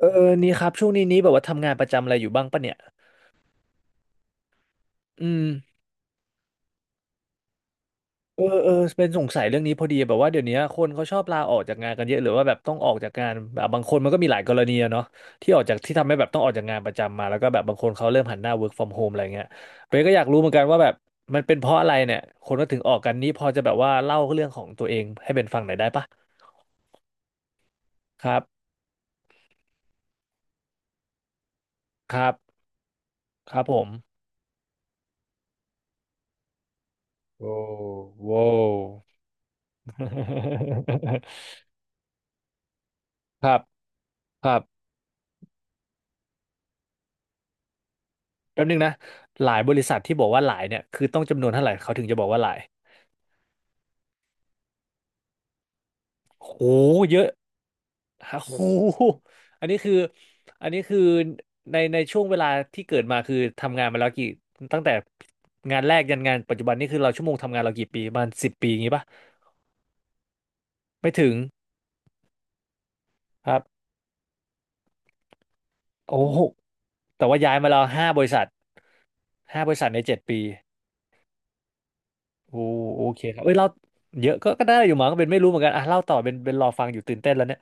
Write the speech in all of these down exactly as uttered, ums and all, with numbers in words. เออนี่ครับช่วงนี้นี้แบบว่าทำงานประจำอะไรอยู่บ้างปะเนี่ยอืมเออเออเป็นสงสัยเรื่องนี้พอดีแบบว่าเดี๋ยวนี้คนเขาชอบลาออกจากงานกันเยอะหรือว่าแบบต้องออกจากงานแบบบางคนมันก็มีหลายกรณีอะเนาะที่ออกจากที่ทำให้แบบต้องออกจากงานประจำมาแล้วก็แบบบางคนเขาเริ่มหันหน้า work from home อะไรเงี้ยเบนก็อยากรู้เหมือนกันว่าแบบมันเป็นเพราะอะไรเนี่ยคนก็ถึงออกกันนี่พอจะแบบว่าเล่าเรื่องของตัวเองให้เป็นฟังหน่อยได้ปะครับครับครับผมโอ้โว้ว ครับครับ แป๊บนึงนะหลายบริษัทที่บอกว่าหลายเนี่ยคือต้องจำนวนเท่าไหร่เขาถึงจะบอกว่าหลายโหเยอะฮะโหอันนี้คืออันนี้คือในในช่วงเวลาที่เกิดมาคือทำงานมาแล้วกี่ตั้งแต่งานแรกยันงานปัจจุบันนี่คือเราชั่วโมงทำงานเรากี่ปีประมาณสิบปีอย่างงี้ป่ะไม่ถึงครับโอ้โหแต่ว่าย้ายมาแล้วห้าบริษัทห้าบริษัทในเจ็ดปีโอ้โอเคครับเอ้ยเราเยอะก็ก็ได้อยู่มั้งเป็นไม่รู้เหมือนกันอ่ะเล่าต่อเป็นเป็นรอฟังอยู่ตื่นเต้นแล้วเนี่ย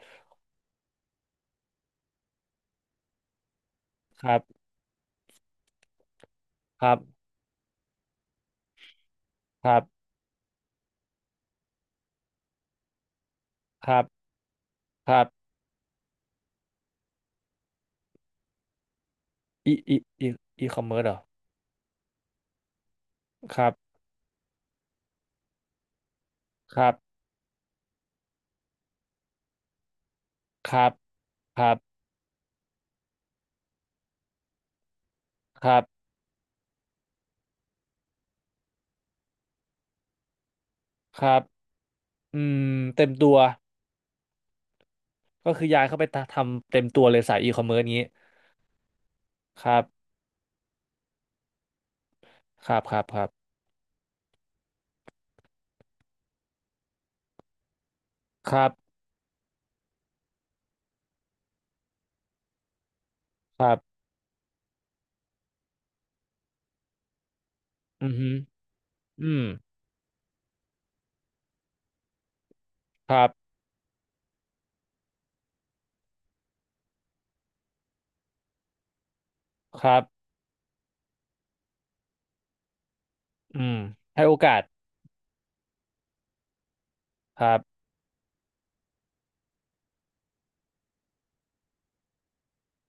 ครับครับครับครับครับ อีอีอีอีคอมเมิร์ซเหรอครับครับครับครับครับครับอืมเต็มตัวก็คือย้ายเข้าไปทำเต็มตัวเลยสายอีคอมเมิร์ซงี้ครับครับครับครับครับครับอือฮึอืมครับครับอืมให้โอกาสครับ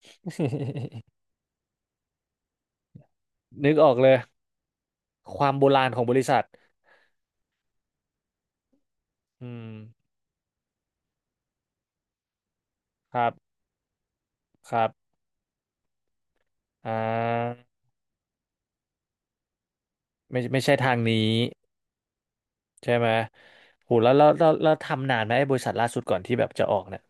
นึกออกเลยความโบราณของบริษัทอืมครับครับอ่าไม่ไม่ใช่ทางนี้ใช่ไหมโหแล้วแล้วแล้วแล้วทำนานไหมไอ้บริษัทล่าสุดก่อนที่แบบจะออกเนี่ย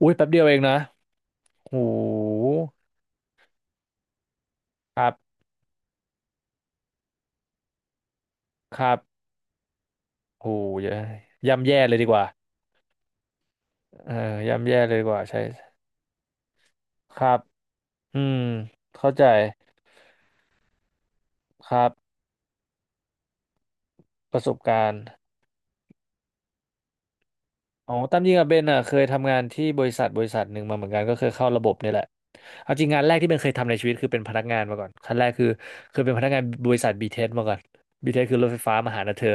อุ้ยแป๊บเดียวเองนะโหครับ ครับโหยย่ำแย่เลยดีกว่าเออย่ำแย่เลยดีกว่า ใช่ครับ อืม เข้าใจ ครับ ประสบการณ์ อ๋อตามจริงอะเบนอะเคยทำงานที่บริษัทบริษัทหนึ่งมาเหมือนกันก็เคยเข้าระบบเนี่ยแหละเอาจริงงานแรกที่เบนเคยทำในชีวิตคือเป็นพนักงานมาก่อนขั้นแรกคือเคยเป็นพนักงานบริษัทบีเทสมาก่อนบีเทสคือรถไฟฟ้ามาหานะเธอ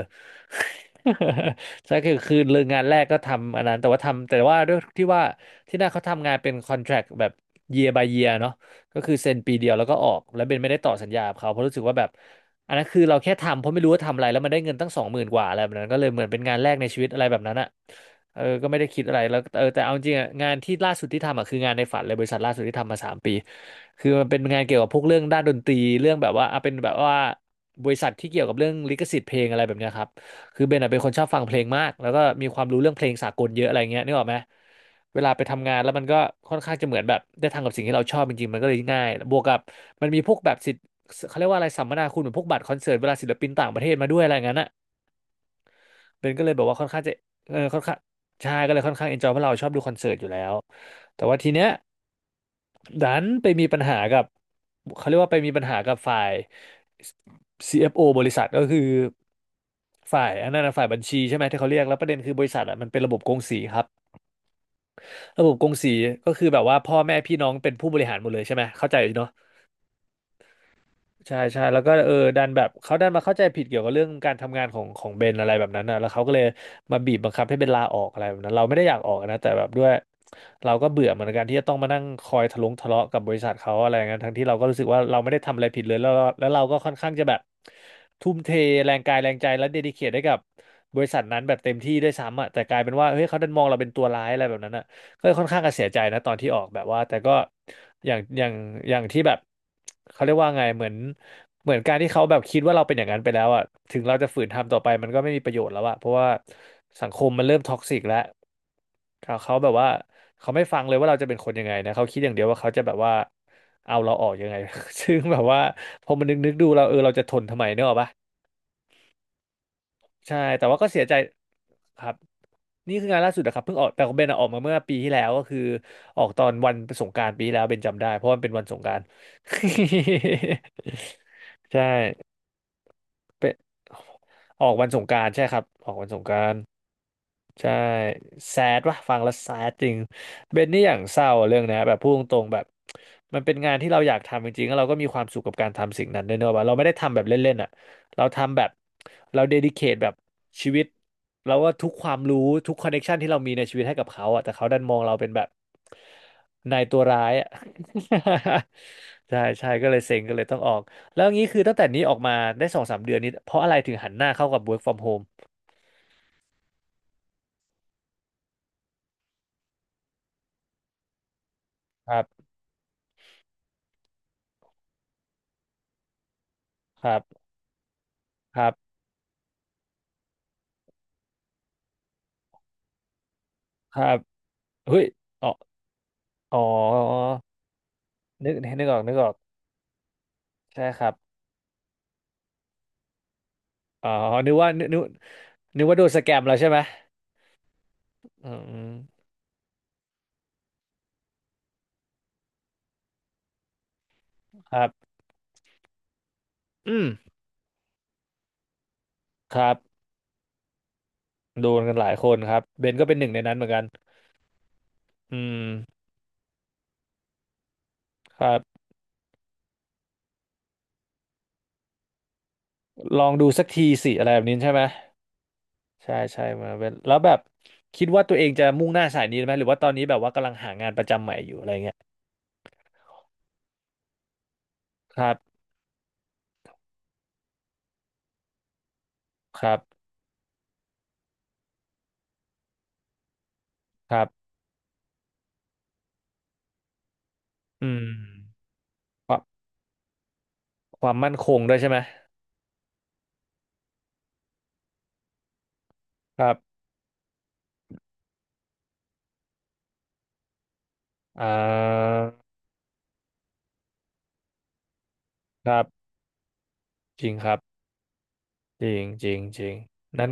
ใช่คือคือเรื่องงานแรกก็ทำอันนั้นแต่ว่าทำแต่ว่าด้วยที่ว่าที่นั่นเขาทำงานเป็นคอนแทรคแบบ year by year เนาะก็คือเซ็นปีเดียวแล้วก็ออกแล้วเบนไม่ได้ต่อสัญญากับเขาเพราะรู้สึกว่าแบบอันนั้นคือเราแค่ทำเพราะไม่รู้ว่าทำอะไรแล้วมันได้เงินตั้งสองหมื่นกว่าอะไรแบบนั้นก็เลยเหมือนเป็นงานแรกในชีวิตอะไรแบบนั้นอะ เออก็ไม่ได้คิดอะไรแล้วเออแต่เอาจริงอะงานที่ล่าสุดที่ทำอ่ะคืองานในฝันเลยบริษัทล่าสุดที่ทำมาสามปีคือมันเป็นงานเกี่ยวกับพวกเรื่องด้านดนตรีเรื่องแบบว่าอ่ะเป็นแบบว่าบริษัทที่เกี่ยวกับเรื่องลิขสิทธิ์เพลงอะไรแบบเนี้ยครับคือเบนอะเป็นคนชอบฟังเพลงมากแล้วก็มีความรู้เรื่องเพลงสากลเยอะอะไรเงี้ยนึกออกไหมเวลาไปทำงานแล้วมันก็ค่อนข้างจะเหมือนแบบได้ทำกับสิ่งที่เราชอบจริงๆมันก็เลยง่ายบวกกับมันมีพวกแบบสิทธิ์เขาเรียกว่าอะไรสัมมนาคุณเหมือนพวกบัตรคอนเสิร์ตเวลาศิลปินต่างประเทศมาด้วยอะไรอย่างนั้นอะ เบนก็เลยแบบว่าค่อนข้างจะเออค่อนข้างใช่ก็เลยค่อนข้างเอนจอยเพราะเราชอบดูคอนเสิร์ตอยู่แล้ว แต่ว่าทีเนี้ยดันไปมีปัญหากับเขาเรียกว่าไปมีปัญหากับฝ่าย ซี เอฟ โอ บริษัทก็คือฝ่ายอันนั้นนะฝ่ายบัญชีใช่ไหมที่เขาเรียกแล้วประเด็นคือบริษัทอ่ะมันเป็นระบบกงสีครับระบบกงสีก็คือแบบว่าพ่อแม่พี่น้องเป็นผู้บริหารหมดเลยใช่ไหมเข้าใจเนาะ ใช่ใช่แล้วก็เออดันแบบเขาดันมาเข้าใจผิดเกี่ยวกับเรื่องการทำงานของของเบนอะไรแบบนั้นนะแล้วเขาก็เลยมาบีบบังคับให้เบนลาออกอะไรแบบนั้นเราไม่ได้อยากออกนะแต่แบบด้วยเราก็เบื่อเหมือนกันที่จะต้องมานั่งคอยทะลงทะเลาะกับบริษัทเขาอะไรอย่างนั้นทั้งที่เราก็รู้สึกว่าเราไม่ได้ทำอะไรผิดเลยแล้วเราแล้วเราก็ค่อนข้างจะแบบทุ่มเทแรงกายแรงใจและเดดิเคทให้กับบริษัทนั้นแบบเต็มที่ด้วยซ้ำอ่ะแต่กลายเป็นว่าเฮ้ยเขาดันมองเราเป็นตัวร้ายอะไรแบบนั้นอะ ก็ค่อนข้างจะเสียใจนะตอนที่ออกแบบว่าแต่ก็อย่างอย่างอย่างที่แบบเขาเรียกว่าไงเหมือนเหมือนการที่เขาแบบคิดว่าเราเป็นอย่างนั้นไปแล้วอ่ะถึงเราจะฝืนทำต่อไปมันก็ไม่มีประโยชน์แล้วอ่ะเพราะว่าสังคมมันเริ่มท็อกซิกแล้วเขาเขาแบบว่าเขาไม่ฟังเลยว่าเราจะเป็นคนยังไงนะเขาคิดอย่างเดียวว่าเขาจะแบบว่าเอาเราออกยังไง ซึ่งแบบว่าพอมันนึกนึกดูเราเออเราจะทนทำไมเนกอะปะ ใช่แต่ว่าก็เสียใจครับนี่คืองานล่าสุดนะครับเพิ่งออกแต่ของเบนอะออกมาเมื่อปีที่แล้วก็คือออกตอนวันสงกรานต์ปีที่แล้วเบนจำได้เพราะมันเป็นวันสงกรานต์ ใช่เป็นออกวันสงกรานต์ใช่ครับออกวันสงกรานต์ ใช่แซดว่ะฟังแล้วแซดจริงเบนนี่อย่างเศร้าเรื่องเนะแบบพูดตรงๆแบบมันเป็นงานที่เราอยากทำจริงๆแล้วเราก็มีความสุขกับการทำสิ่งนั้นด้วยเนอะว่าเราไม่ได้ทำแบบเล่นๆอ่ะเราทำแบบเราเดดิเคทแบบชีวิตเราว่าทุกความรู้ทุกคอนเน t ชันที่เรามีในชีวิตให้กับเขาอ่ะแต่เขาดันมองเราเป็นแบบนายตัวร้ายอ่ะ ใช่ใช่ก็เลยเซ็งก็เลยต้องออกแล้วงี้คือตั้งแต่นี้ออกมาได้สองสามเดือนนี้เพราะอะไรถึงหันหน้าเข้ากับ work from home ครับครับครับ ครับเฮ้ยอ๋ออ๋อนึกนึกออกนึกออกใช่ครับอ๋อนึกว่านึกนึกนึกว่าโดนสแกมแล้วใช่ไหมอืมครับอืมครับโดนกันหลายคนครับเบนก็เป็นหนึ่งในนั้นเหมือนกันอืมครับลองดูสักทีสิอะไรแบบนี้ใช่ไหมใช่ใช่มาเบนแล้วแบบคิดว่าตัวเองจะมุ่งหน้าสายนี้ไหมหรือว่าตอนนี้แบบว่ากำลังหางานประจำใหม่อยู่อะไรเงี้ยครับครับครับอืมความความมั่นคงด้วยใช่ไหมครับอ่าครับ จริงครับจริงจริงจริงนั่น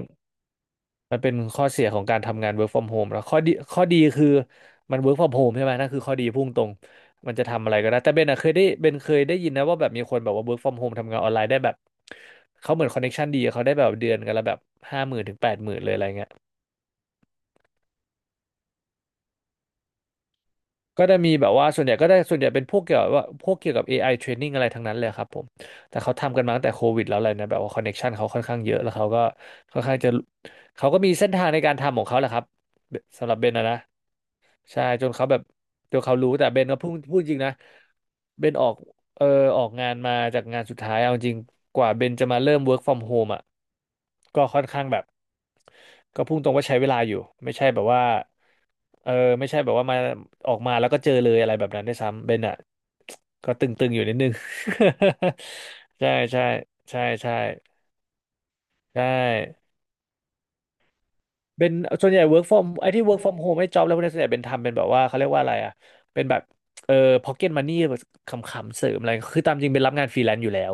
มันเป็นข้อเสียของการทำงาน work from home แล้วข้อดีข้อดีคือมัน work from home ใช่ไหมนั่นคือข้อดีพุ่งตรงมันจะทำอะไรก็ได้แต่เบนอะเคยได้เบนเคยได้ยินนะว่าแบบมีคนแบบว่า work from home ทำงานออนไลน์ได้แบบเขาเหมือนคอนเน t ชันดีเขาได้แบบเดือนกันละแบบห้าหมื่นถึงแปดหมื่นเลยอะไรเงี้ย ก็จะมีแบบว่าส่วนใหญ่ก็ได้ส่วนใหญ่เป็นพวกเกี่ยวกับว่าพวกเกี่ยวกับ เอ ไอ training อะไรทั้งนั้นเลยครับผม แต่เขาทำกันมาตั้งแต่โควิดแล้วอะไรนะแบบว่าคอนเน็กชันเขาค่อนข้างเยอะแล้วเขาก็ค่อนข้างจะเขาก็มีเส้นทางในการทำของเขาแหละครับสำหรับเบนนะนะ ใช่จนเขาแบบจนเขารู้แต่เบนก็พูดพูดจริงนะเบนออกเออออกงานมาจากงานสุดท้ายเอาจริงกว่าเบนจะมาเริ่ม work from home อ่ะก็ค่อนข้างแบบก็พุ่งตรงว่าใช้เวลาอยู่ไม่ใช่แบบว่าเออไม่ใช่แบบว่ามาออกมาแล้วก็เจอเลยอะไรแบบนั้นด้วยซ้ำเบนอ่ะก็ตึงๆอยู่นิดนึง ใช่ใช่ใช่ใช่ใช่ เป็นส่วนใหญ่ work from ไอ้ที่ work from home ไอ้ job แล้วพวกนี้ส่วนใหญ่เป็นทำเป็นแบบว่าเขาเรียกว่าอะไรอ่ะเป็นแบบเออ pocket money แบบขำๆเสริมอะไรคือตามจริงเป็นรับงานฟรีแลนซ์อยู่แล้ว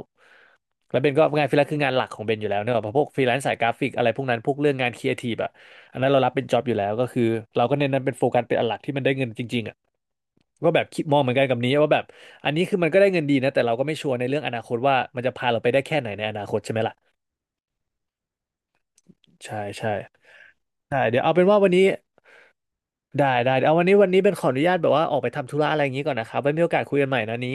แล้วเป็นก็งานฟรีแลนซ์คืองานหลักของเบนอยู่แล้วเนอะเพราะพวกฟรีแลนซ์สายกราฟิกอะไรพวกนั้นพวกเรื่องงานครีเอทีฟอ่ะอันนั้นเรารับเป็นจ็อบอยู่แล้วก็คือเราก็เน้นนั้นเป็นโฟกัสเป็นอันหลักที่มันได้เงินจริงๆอ่ะก็แบบคิดมองเหมือนกันกับนี้ว่าแบบอันนี้คือมันก็ได้เงินดีนะแต่เราก็ไม่ชัวร์ในเรื่องอนาคตว่ามันจะพาเราไปได้แค่ไหนในอนาคตใช่ไหมล่ะใช่ใช่ใช่เดี๋ยวเอาเป็นว่าวันนี้ ได้ได้เอาวันนี้วันนี้เป็นขออนุญาตแบบว่าออกไปทำธุระอะไรอย่างนี้ก่อนนะครับไว้มีโอกาสคุยกันใหม่นะนี้